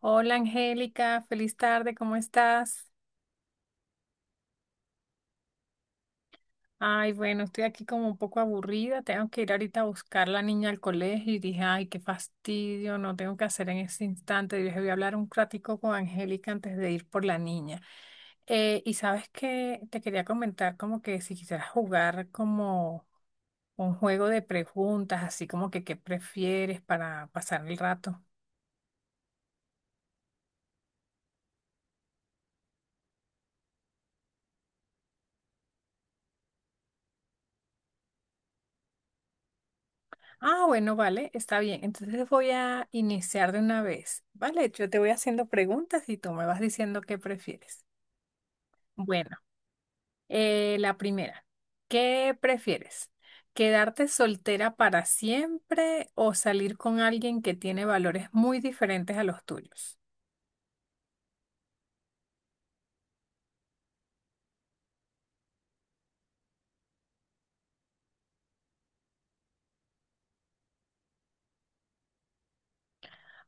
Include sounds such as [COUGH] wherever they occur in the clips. Hola Angélica, feliz tarde, ¿cómo estás? Ay, bueno, estoy aquí como un poco aburrida, tengo que ir ahorita a buscar a la niña al colegio y dije, ay, qué fastidio, no tengo que hacer en ese instante. Y dije, voy a hablar un ratico con Angélica antes de ir por la niña. Y sabes que te quería comentar como que si quisieras jugar como un juego de preguntas, así como que qué prefieres para pasar el rato. Ah, bueno, vale, está bien. Entonces voy a iniciar de una vez. Vale, yo te voy haciendo preguntas y tú me vas diciendo qué prefieres. Bueno, la primera, ¿qué prefieres? ¿Quedarte soltera para siempre o salir con alguien que tiene valores muy diferentes a los tuyos?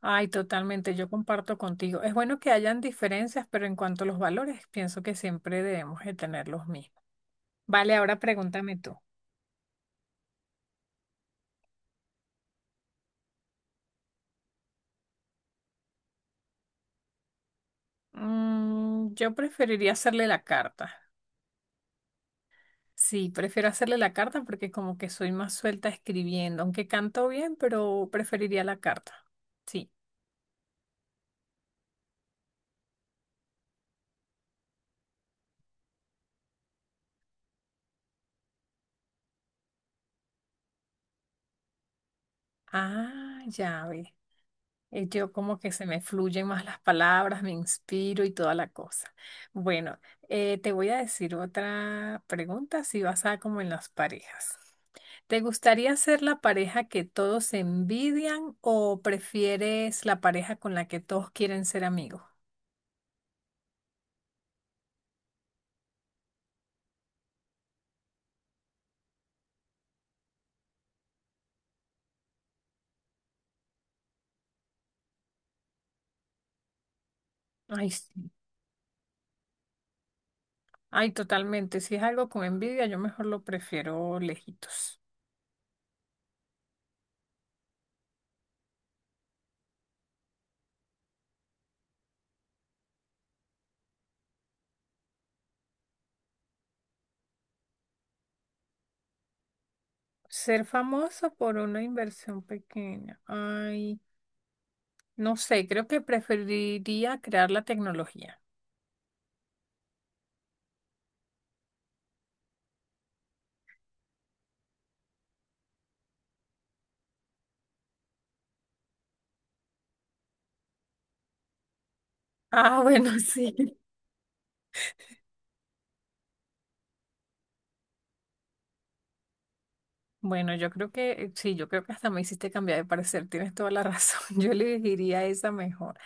Ay, totalmente, yo comparto contigo. Es bueno que hayan diferencias, pero en cuanto a los valores, pienso que siempre debemos de tener los mismos. Vale, ahora pregúntame tú. Mm, yo preferiría hacerle la carta. Sí, prefiero hacerle la carta porque como que soy más suelta escribiendo, aunque canto bien, pero preferiría la carta. Sí. Ah, ya ve. Yo como que se me fluyen más las palabras, me inspiro y toda la cosa. Bueno, te voy a decir otra pregunta, si vas a como en las parejas. ¿Te gustaría ser la pareja que todos envidian o prefieres la pareja con la que todos quieren ser amigos? Ay, sí. Ay, totalmente. Si es algo con envidia, yo mejor lo prefiero lejitos. Ser famoso por una inversión pequeña. Ay, no sé, creo que preferiría crear la tecnología. Ah, bueno, [LAUGHS] sí. Bueno, yo creo que sí, yo creo que hasta me hiciste cambiar de parecer. Tienes toda la razón. [LAUGHS] Yo elegiría esa mejor.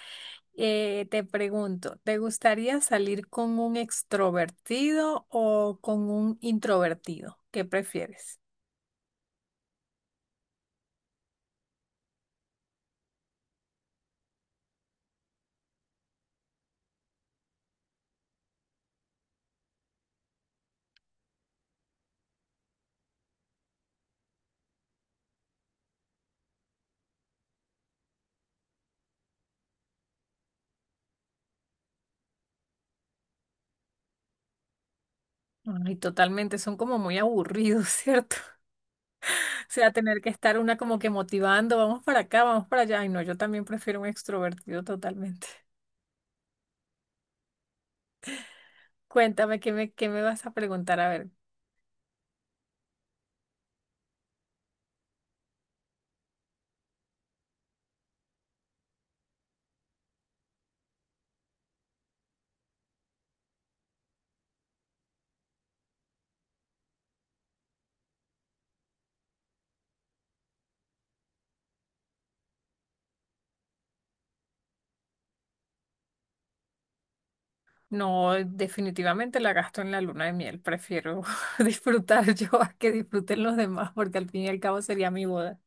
Te pregunto, ¿te gustaría salir con un extrovertido o con un introvertido? ¿Qué prefieres? Ay, totalmente, son como muy aburridos, ¿cierto? [LAUGHS] O sea, tener que estar una como que motivando, vamos para acá, vamos para allá. Ay, no, yo también prefiero un extrovertido totalmente. [LAUGHS] Cuéntame, ¿qué me vas a preguntar? A ver, no, definitivamente la gasto en la luna de miel, prefiero [LAUGHS] disfrutar yo a que disfruten los demás, porque al fin y al cabo sería mi boda.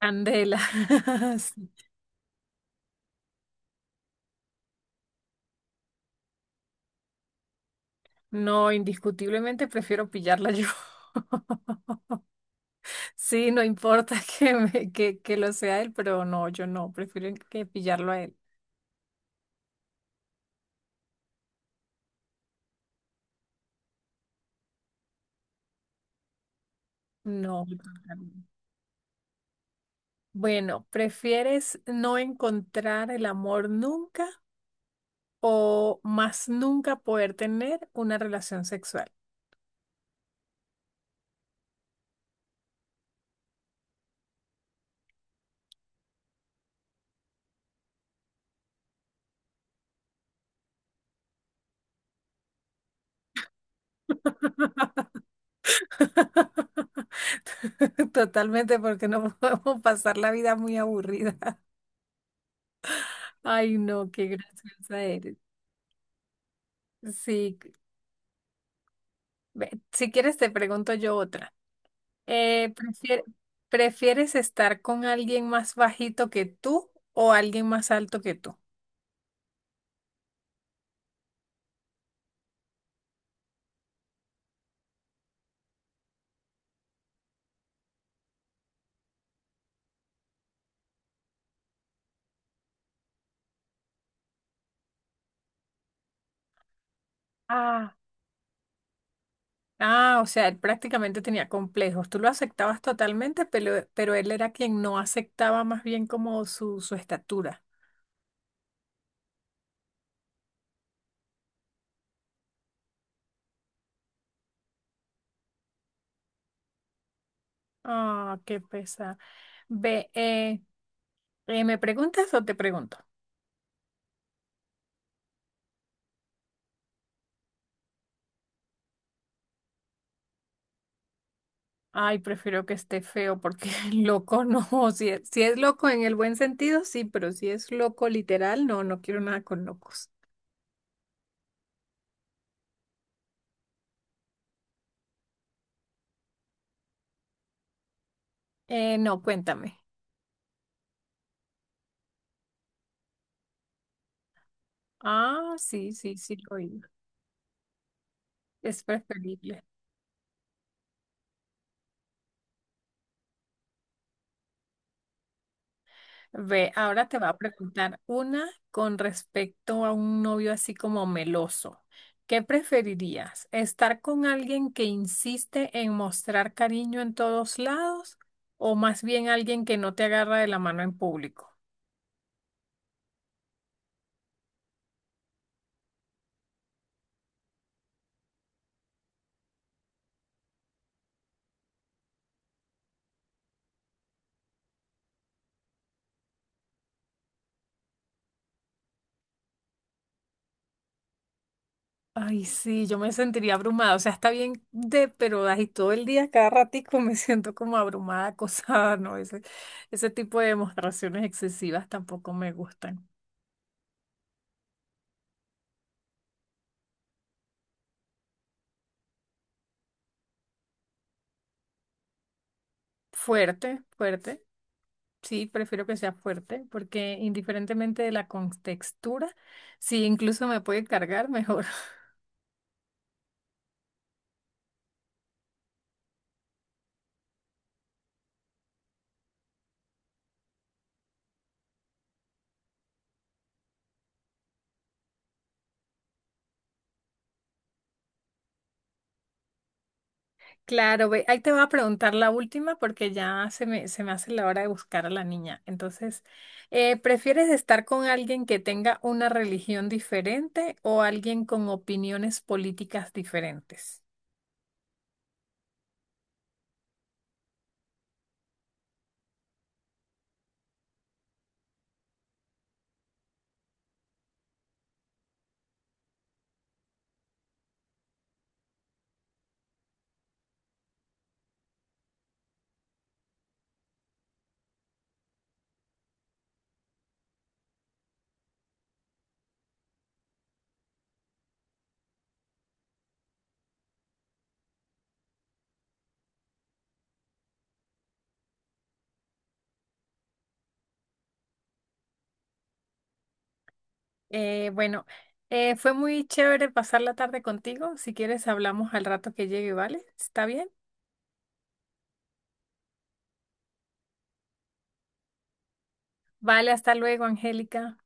Candela. [LAUGHS] Sí. No, indiscutiblemente prefiero pillarla yo. [LAUGHS] Sí, no importa [LAUGHS] que lo sea él, pero no, yo no, prefiero que pillarlo a él. No. Yo también. Bueno, ¿prefieres no encontrar el amor nunca o más nunca poder tener una relación sexual? [LAUGHS] Totalmente, porque no [LAUGHS] podemos pasar la vida muy aburrida. Ay, no, qué graciosa eres. Sí, ve, si quieres te pregunto yo otra. Eh, prefier- ¿Prefieres estar con alguien más bajito que tú o alguien más alto que tú? Ah. Ah, o sea, él prácticamente tenía complejos. Tú lo aceptabas totalmente, pero él era quien no aceptaba más bien como su estatura. Ah, qué pesar. Ve, ¿me preguntas o te pregunto? Ay, prefiero que esté feo porque [LAUGHS] loco no. Si es loco en el buen sentido, sí, pero si es loco literal, no, no quiero nada con locos. No, cuéntame. Ah, sí, sí, sí, lo oí. Es preferible. Ve, ahora te va a preguntar una con respecto a un novio así como meloso. ¿Qué preferirías? ¿Estar con alguien que insiste en mostrar cariño en todos lados o más bien alguien que no te agarra de la mano en público? Ay, sí, yo me sentiría abrumada. O sea, está bien de, pero ahí todo el día, cada ratico [LAUGHS] me siento como abrumada, acosada, ¿no? Ese tipo de demostraciones excesivas tampoco me gustan. Fuerte, fuerte. Sí, prefiero que sea fuerte, porque indiferentemente de la contextura, sí, incluso me puede cargar mejor. [LAUGHS] Claro, ve, ahí te voy a preguntar la última porque se me hace la hora de buscar a la niña. Entonces, ¿prefieres estar con alguien que tenga una religión diferente o alguien con opiniones políticas diferentes? Eh, bueno, fue muy chévere pasar la tarde contigo. Si quieres, hablamos al rato que llegue, ¿vale? ¿Está bien? Vale, hasta luego, Angélica.